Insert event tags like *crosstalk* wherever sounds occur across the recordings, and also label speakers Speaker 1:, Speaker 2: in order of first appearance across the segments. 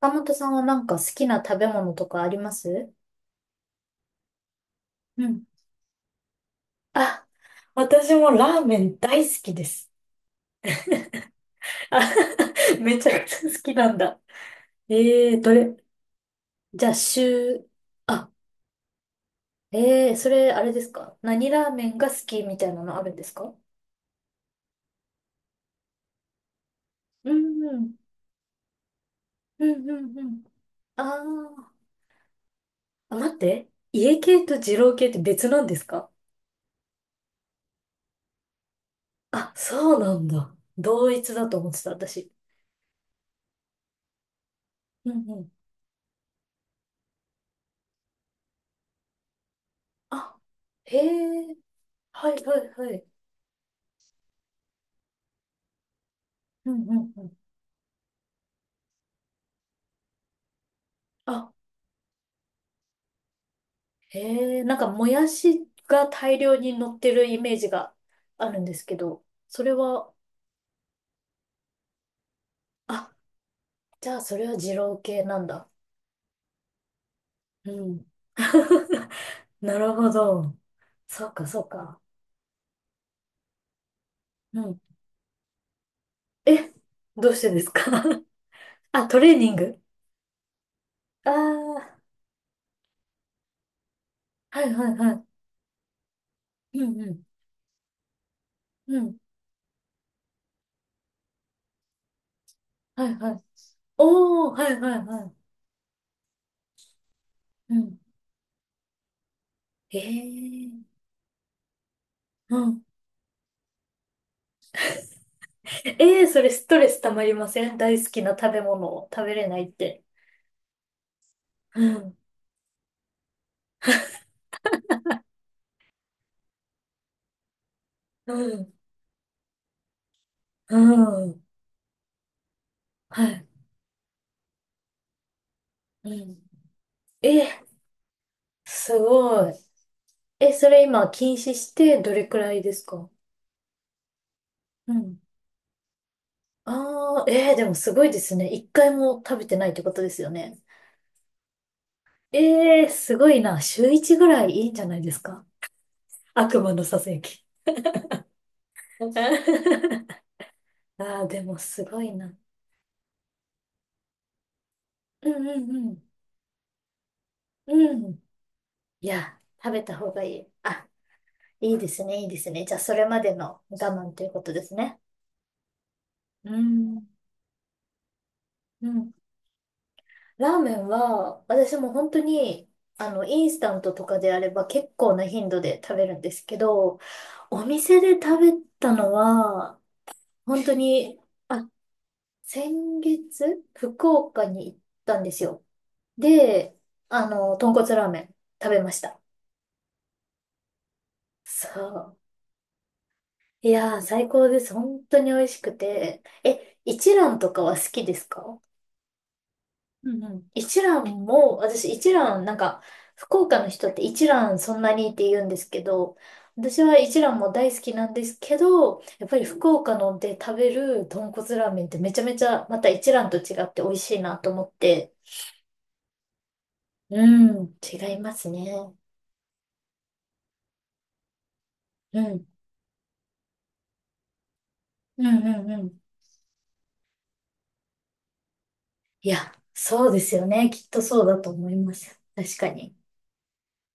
Speaker 1: 岡本さんはなんか好きな食べ物とかあります？うん。あ、私もラーメン大好きです。あ、 *laughs* めちゃくちゃ好きなんだ。ええー、どれ、じゃあ、週、あ、ええー、それ、あれですか？何ラーメンが好きみたいなのあるんですか？うんうん、うんうんうん。あー、あ、待って。家系と二郎系って別なんですか？あ、そうなんだ。同一だと思ってた、私。うんうん。あ、へえ、はいはいはい。うんうんうん。あ、へえ、なんかもやしが大量に乗ってるイメージがあるんですけど、それは、あ、じゃあそれは二郎系なんだ。うん。*laughs* なるほど。そうか、そうか。うん。え、どうしてですか？ *laughs* あ、トレーニング。ああ、はいはいはい。うんうん。うん。はいはい。おー、はいはいはい。うん。へえ。うん。ええー、それストレスたまりません？大好きな食べ物を食べれないって。うん、うん、うん、はい。うん。えー、すごい。え、それ今禁止してどれくらいですか？うん。ああ、でもすごいですね。一回も食べてないってことですよね。ええー、すごいな。週一ぐらいいいんじゃないですか？悪魔のささやき。*laughs* ああ、でもすごいな。うんうんうん。うん。いや、食べた方がいい。あ、いいですね、いいですね。じゃあ、それまでの我慢ということですね。うん、うん。ラーメンは、私も本当に、あの、インスタントとかであれば結構な頻度で食べるんですけど、お店で食べたのは、本当に、あ、先月、福岡に行ったんですよ。で、あの、豚骨ラーメン食べました。そう。いやー、最高です。本当に美味しくて。え、一蘭とかは好きですか？うんうん。一蘭も、私一蘭、なんか、福岡の人って一蘭そんなにって言うんですけど、私は一蘭も大好きなんですけど、やっぱり福岡ので食べる豚骨ラーメンってめちゃめちゃまた一蘭と違って美味しいなと思って、うん、違いますね。うん、うん、うん、うん。いや、そうですよね。きっとそうだと思います。確かに。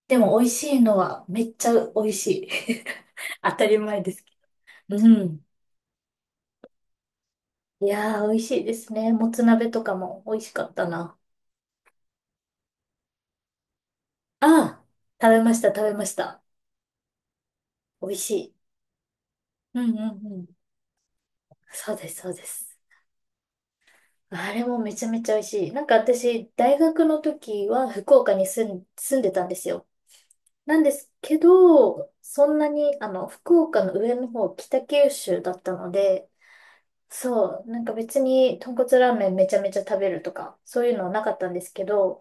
Speaker 1: でも美味しいのはめっちゃ美味しい。*laughs* 当たり前ですけど。うん。いやー、美味しいですね。もつ鍋とかも美味しかったな。ああ、食べました、食べました。美味しい。うんうんうん。そうです、そうです。あれもめちゃめちゃ美味しい。なんか私、大学の時は福岡に住んでたんですよ。なんですけど、そんなに、あの、福岡の上の方、北九州だったので、そう、なんか別に豚骨ラーメンめちゃめちゃ食べるとか、そういうのはなかったんですけど、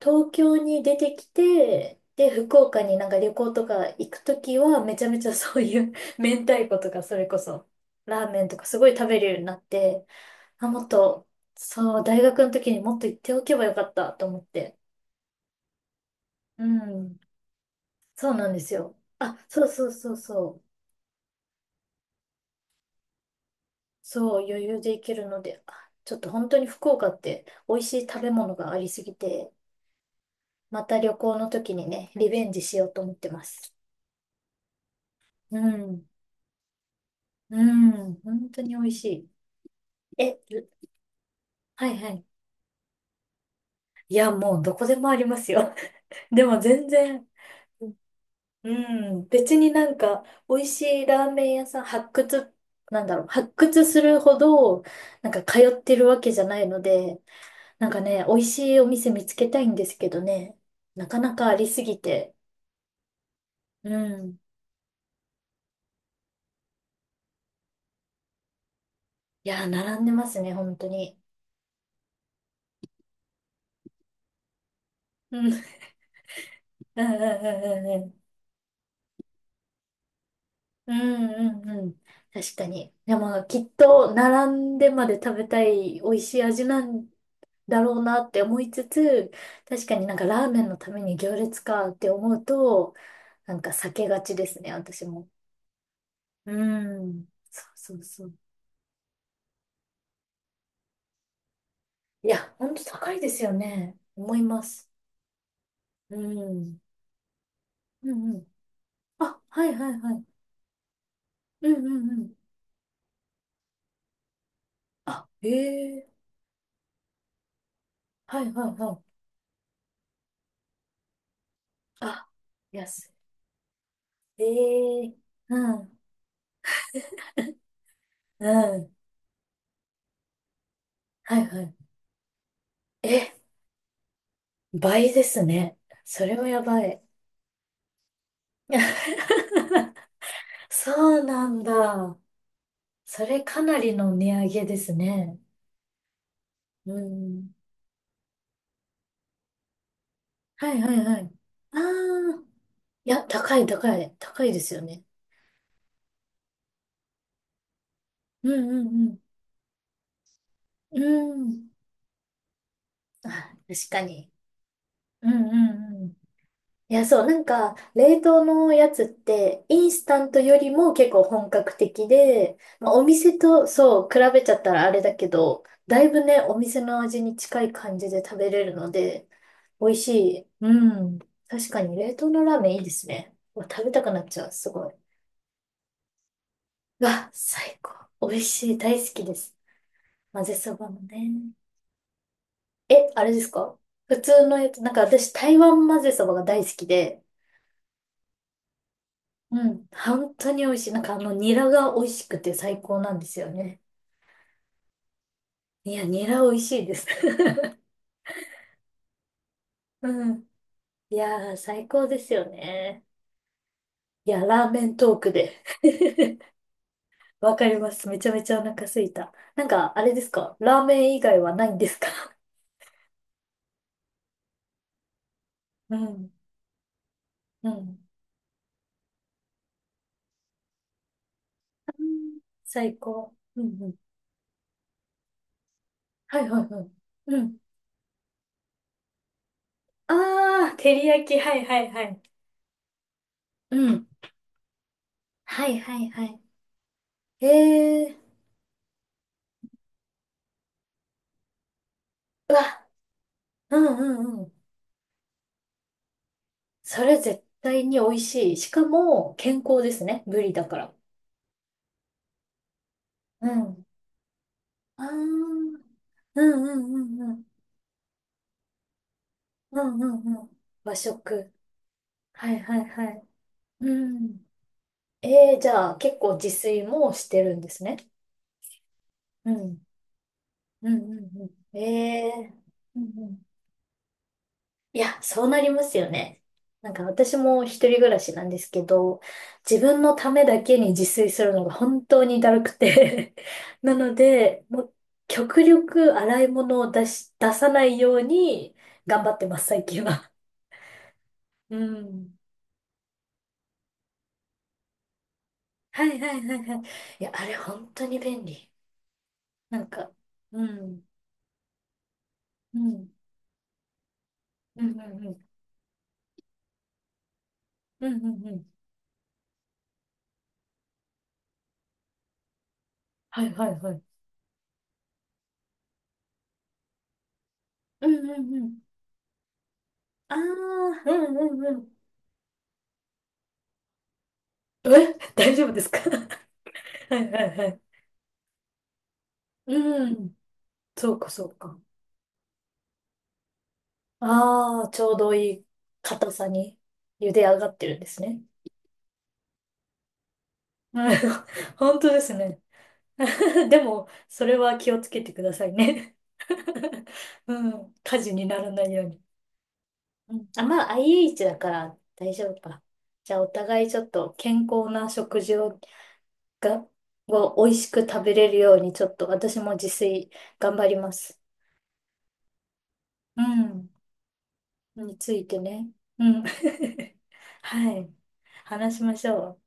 Speaker 1: 東京に出てきて、で、福岡になんか旅行とか行くときは、めちゃめちゃ *laughs* そういう *laughs* 明太子とか、それこそ、ラーメンとかすごい食べるようになって、あ、もっと、そう、大学の時にもっと行っておけばよかったと思って。うん、そうなんですよ。あ、そうそうそうそう。そう、余裕で行けるので、あ、ちょっと本当に福岡って美味しい食べ物がありすぎて、また旅行の時にね、リベンジしようと思ってます。うん。うん、本当に美味しい。え、はいはい。いや、もうどこでもありますよ。*laughs* でも全然、うん、別になんか、美味しいラーメン屋さん発掘、なんだろう、発掘するほど、なんか通ってるわけじゃないので、なんかね、美味しいお店見つけたいんですけどね、なかなかありすぎて、うん。いや、並んでますね、本当に。うん、うん、うん、うん、うん。うんうんうんうん。確かに。でも、きっと、並んでまで食べたい美味しい味なんだろうなって思いつつ、確かになんかラーメンのために行列かって思うと、なんか避けがちですね、私も。うん。そうそうそう。いや、ほんと高いですよね。思います。うん。うんうん。あ、はいはいはい。うんうんうん。あ、ええ、はいはいはい。あ、安い。ええ、うん。うん、はいはい。え、倍ですね。それはやばい。*laughs* そうなんだ。それかなりの値上げですね。うん。はいはいはい。ああ、いや、高い高い。高いですよね。うんうんうん。うん。あ、確かに。うんうんうん。いや、そう、なんか、冷凍のやつって、インスタントよりも結構本格的で、まあ、お店と、そう、比べちゃったらあれだけど、だいぶね、お店の味に近い感じで食べれるので、美味しい。うん。確かに、冷凍のラーメンいいですね。うわ、食べたくなっちゃう、すごい。うわ、最高。美味しい、大好きです。混ぜそばもね。え、あれですか？普通のやつ、なんか私、台湾混ぜそばが大好きで、うん。本当に美味しい。なんかあの、ニラが美味しくて最高なんですよね。いや、ニラ美味しいです。*laughs* うん。いやー、最高ですよね。いや、ラーメントークで。*laughs* わかります。めちゃめちゃお腹すいた。なんか、あれですか？ラーメン以外はないんですか？ *laughs* うん。うん。最高。うんうん。はいはいはい。うん。ああ、照り焼き。はいはいはい。うん。はいはいはい。ええー。うわ。うんうん。それ絶対に美味しい。しかも、健康ですね。ブリだから。うん。ああ、うんうんうんうん。うんうんうん。和食。はいはいはい。うん。えー、じゃあ結構自炊もしてるんですね。うん。うんうんうん。えー。うんうん。いや、そうなりますよね。なんか私も一人暮らしなんですけど、自分のためだけに自炊するのが本当にだるくて *laughs* なので、もう極力洗い物を出さないように頑張ってます、最近は。うん。はいはいはいはい。いや、あれ本当に便利。なんか、うん、うん、うん、うん、うん、うん、うんうん。はいはいはい。うん、うん、うん。ああ、うん、うん、うん。え、*laughs* 大丈夫ですか？ *laughs* はいはいはい。うん。そうか、そうか。ああ、ちょうどいい硬さに茹で上がってるんですね。うん。 *laughs* 本当ですね。*laughs* でも、それは気をつけてくださいね。*laughs* うん。火事にならないように。うん、あ、まあ、IH だから大丈夫か。じゃあ、お互いちょっと健康な食事を、が、を美味しく食べれるように、ちょっと私も自炊頑張ります。うん。についてね。うん。*laughs* はい。話しましょう。